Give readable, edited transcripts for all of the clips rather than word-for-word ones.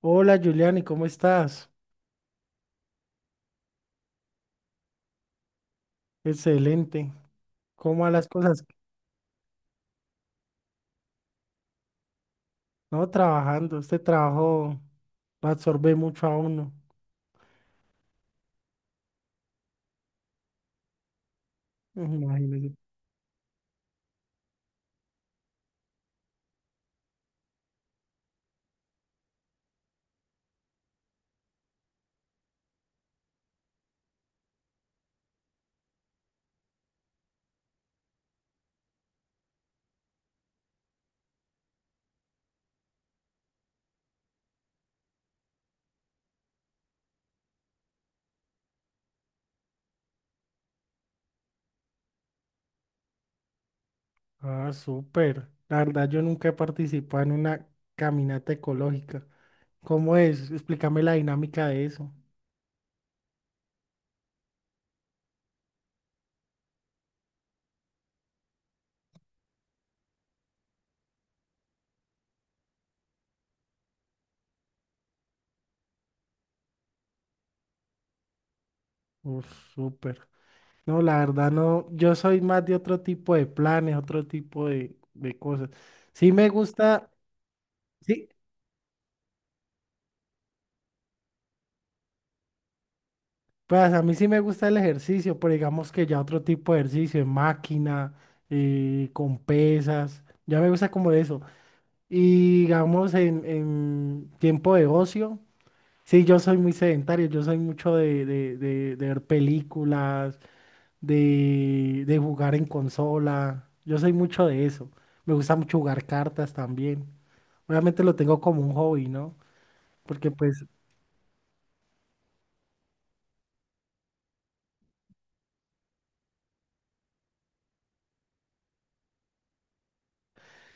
Hola Juliani, ¿cómo estás? Excelente. ¿Cómo van las cosas? No, trabajando. Este trabajo lo absorbe mucho a uno. Imagínese. Ah, súper. La verdad, yo nunca he participado en una caminata ecológica. ¿Cómo es? Explícame la dinámica de eso. Uf, súper. No, la verdad no. Yo soy más de otro tipo de planes, otro tipo de cosas. Sí me gusta. Sí, pues a mí sí me gusta el ejercicio, pero digamos que ya otro tipo de ejercicio, en máquina, con pesas, ya me gusta como de eso. Y digamos en tiempo de ocio, sí, yo soy muy sedentario, yo soy mucho de ver películas, de jugar en consola, yo soy mucho de eso. Me gusta mucho jugar cartas también. Obviamente lo tengo como un hobby, ¿no? Porque pues.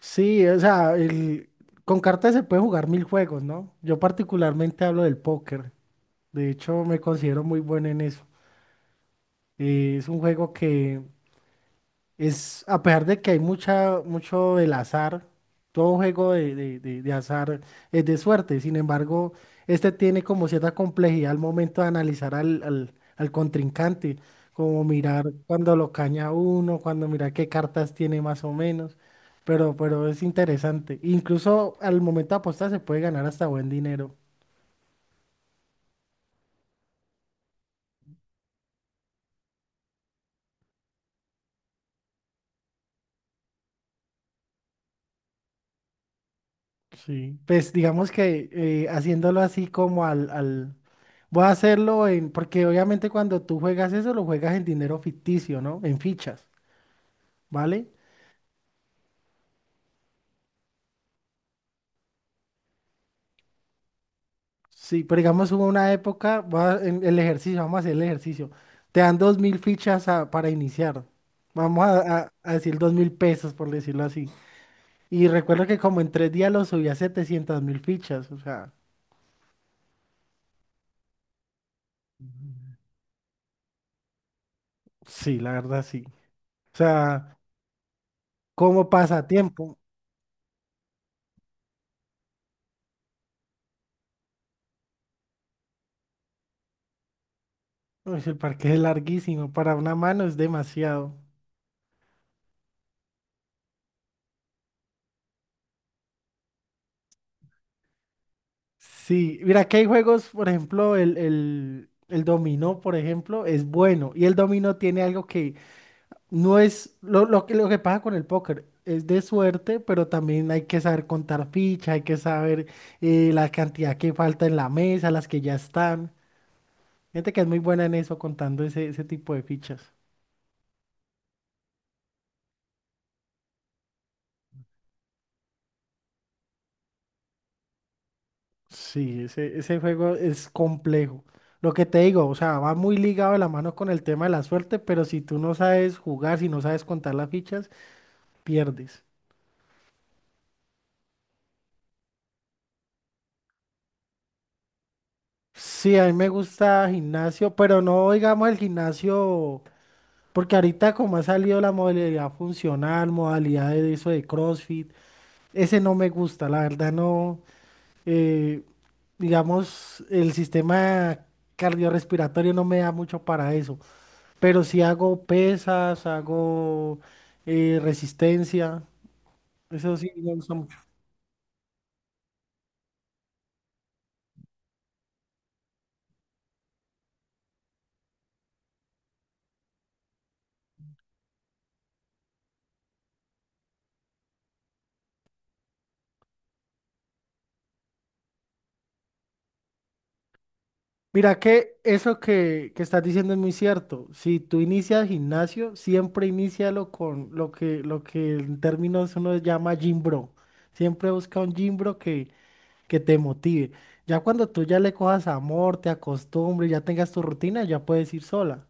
Sí, o sea, con cartas se puede jugar mil juegos, ¿no? Yo particularmente hablo del póker. De hecho, me considero muy bueno en eso. Es un juego que es, a pesar de que hay mucho del azar, todo juego de azar es de suerte, sin embargo, este tiene como cierta complejidad al momento de analizar al contrincante, como mirar cuando lo caña uno, cuando mirar qué cartas tiene más o menos, pero es interesante. Incluso al momento de apostar se puede ganar hasta buen dinero. Sí. Pues digamos que haciéndolo así como al, al, voy a hacerlo en, porque obviamente cuando tú juegas eso, lo juegas en dinero ficticio, ¿no? En fichas, ¿vale? Sí, pero digamos hubo una época, va en el ejercicio, vamos a hacer el ejercicio. Te dan 2.000 fichas para iniciar. Vamos a decir 2.000 pesos, por decirlo así. Y recuerdo que como en 3 días lo subí a 700 mil fichas, o sea, sí, la verdad sí. O sea, como pasatiempo, uy, el parque es larguísimo, para una mano es demasiado. Sí, mira que hay juegos, por ejemplo, el dominó, por ejemplo, es bueno. Y el dominó tiene algo que no es lo que pasa con el póker. Es de suerte, pero también hay que saber contar fichas, hay que saber la cantidad que falta en la mesa, las que ya están. Gente que es muy buena en eso, contando ese tipo de fichas. Sí, ese juego es complejo. Lo que te digo, o sea, va muy ligado de la mano con el tema de la suerte, pero si tú no sabes jugar, si no sabes contar las fichas, pierdes. Sí, a mí me gusta gimnasio, pero no digamos el gimnasio, porque ahorita como ha salido la modalidad funcional, modalidad de eso de CrossFit, ese no me gusta, la verdad no, eh, digamos, el sistema cardiorrespiratorio no me da mucho para eso, pero sí hago pesas, hago resistencia, eso sí, me gusta. Mira que eso que estás diciendo es muy cierto. Si tú inicias gimnasio, siempre inícialo con lo que en términos uno llama gym bro. Siempre busca un gym bro que te motive. Ya cuando tú ya le cojas amor, te acostumbres, ya tengas tu rutina, ya puedes ir sola.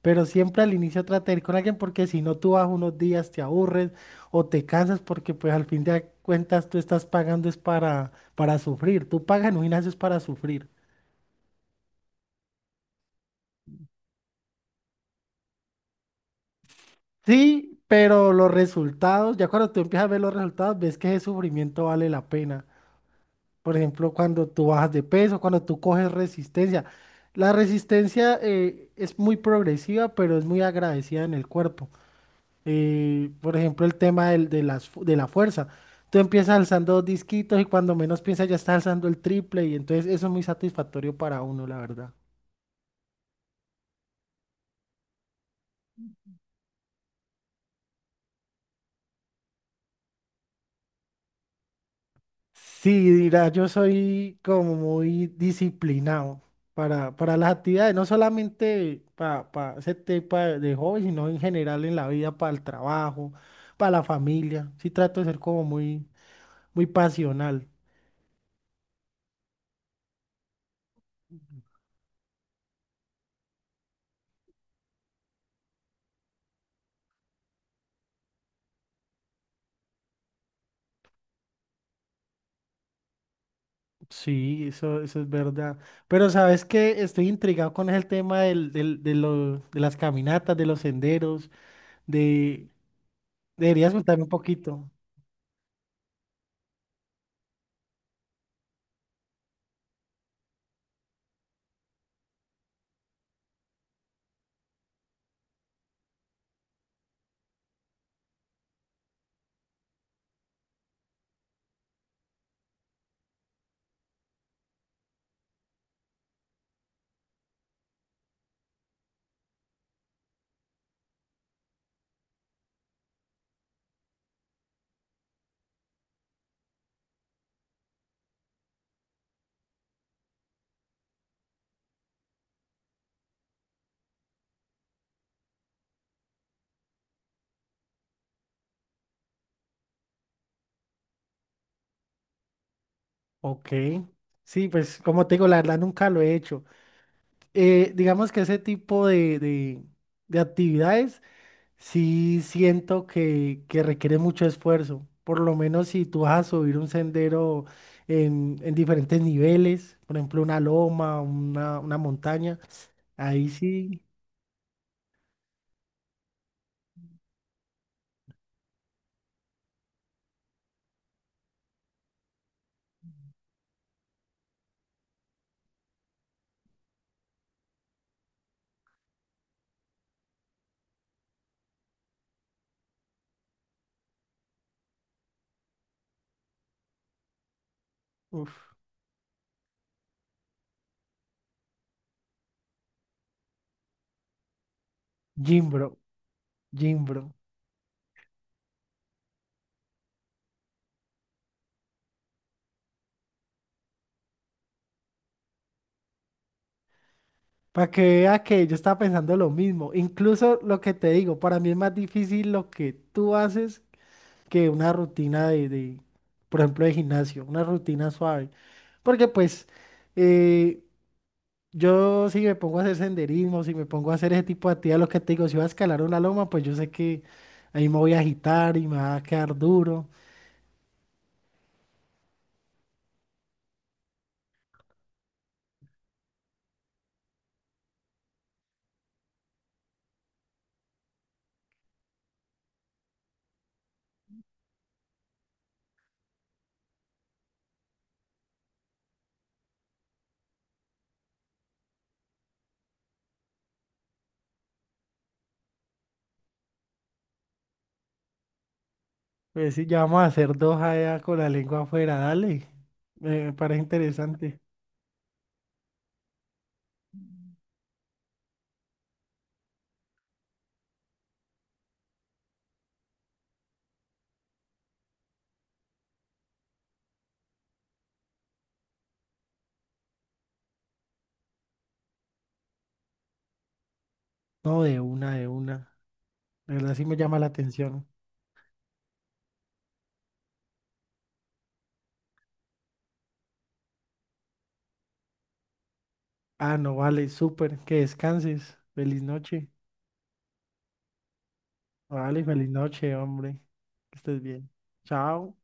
Pero siempre al inicio trata de ir con alguien porque si no tú vas unos días, te aburres o te cansas porque pues al fin de cuentas tú estás pagando es para sufrir. Tú pagas en un gimnasio es para sufrir. Sí, pero los resultados, ya cuando tú empiezas a ver los resultados, ves que ese sufrimiento vale la pena. Por ejemplo, cuando tú bajas de peso, cuando tú coges resistencia. La resistencia es muy progresiva, pero es muy agradecida en el cuerpo. Por ejemplo, el tema de la fuerza. Tú empiezas alzando dos disquitos y cuando menos piensas ya estás alzando el triple y entonces eso es muy satisfactorio para uno, la verdad. Sí, dirá, yo soy como muy disciplinado para las actividades, no solamente para ese tipo de hobby, sino en general en la vida, para el trabajo, para la familia. Sí trato de ser como muy, muy pasional. Sí, eso es verdad. Pero sabes que estoy intrigado con el tema de las caminatas, de los senderos. de... Deberías contarme un poquito. Ok. Sí, pues como te digo, la verdad nunca lo he hecho. Digamos que ese tipo de actividades sí siento que requiere mucho esfuerzo. Por lo menos si tú vas a subir un sendero en diferentes niveles, por ejemplo, una loma, una montaña, ahí sí, uff, Jimbro, Jimbro. Para que vea que yo estaba pensando lo mismo. Incluso lo que te digo, para mí es más difícil lo que tú haces que una rutina de, por ejemplo, de gimnasio, una rutina suave. Porque pues eh, yo si me pongo a hacer senderismo, si me pongo a hacer ese tipo de actividades, lo que te digo, si voy a escalar una loma, pues yo sé que ahí me voy a agitar y me va a quedar duro. Pues sí, ya vamos a hacer dos allá con la lengua afuera, dale. Me parece interesante. No, de una, de una. De verdad sí me llama la atención. Ah, no, vale, súper. Que descanses. Feliz noche. Vale, feliz noche, hombre. Que estés bien. Chao.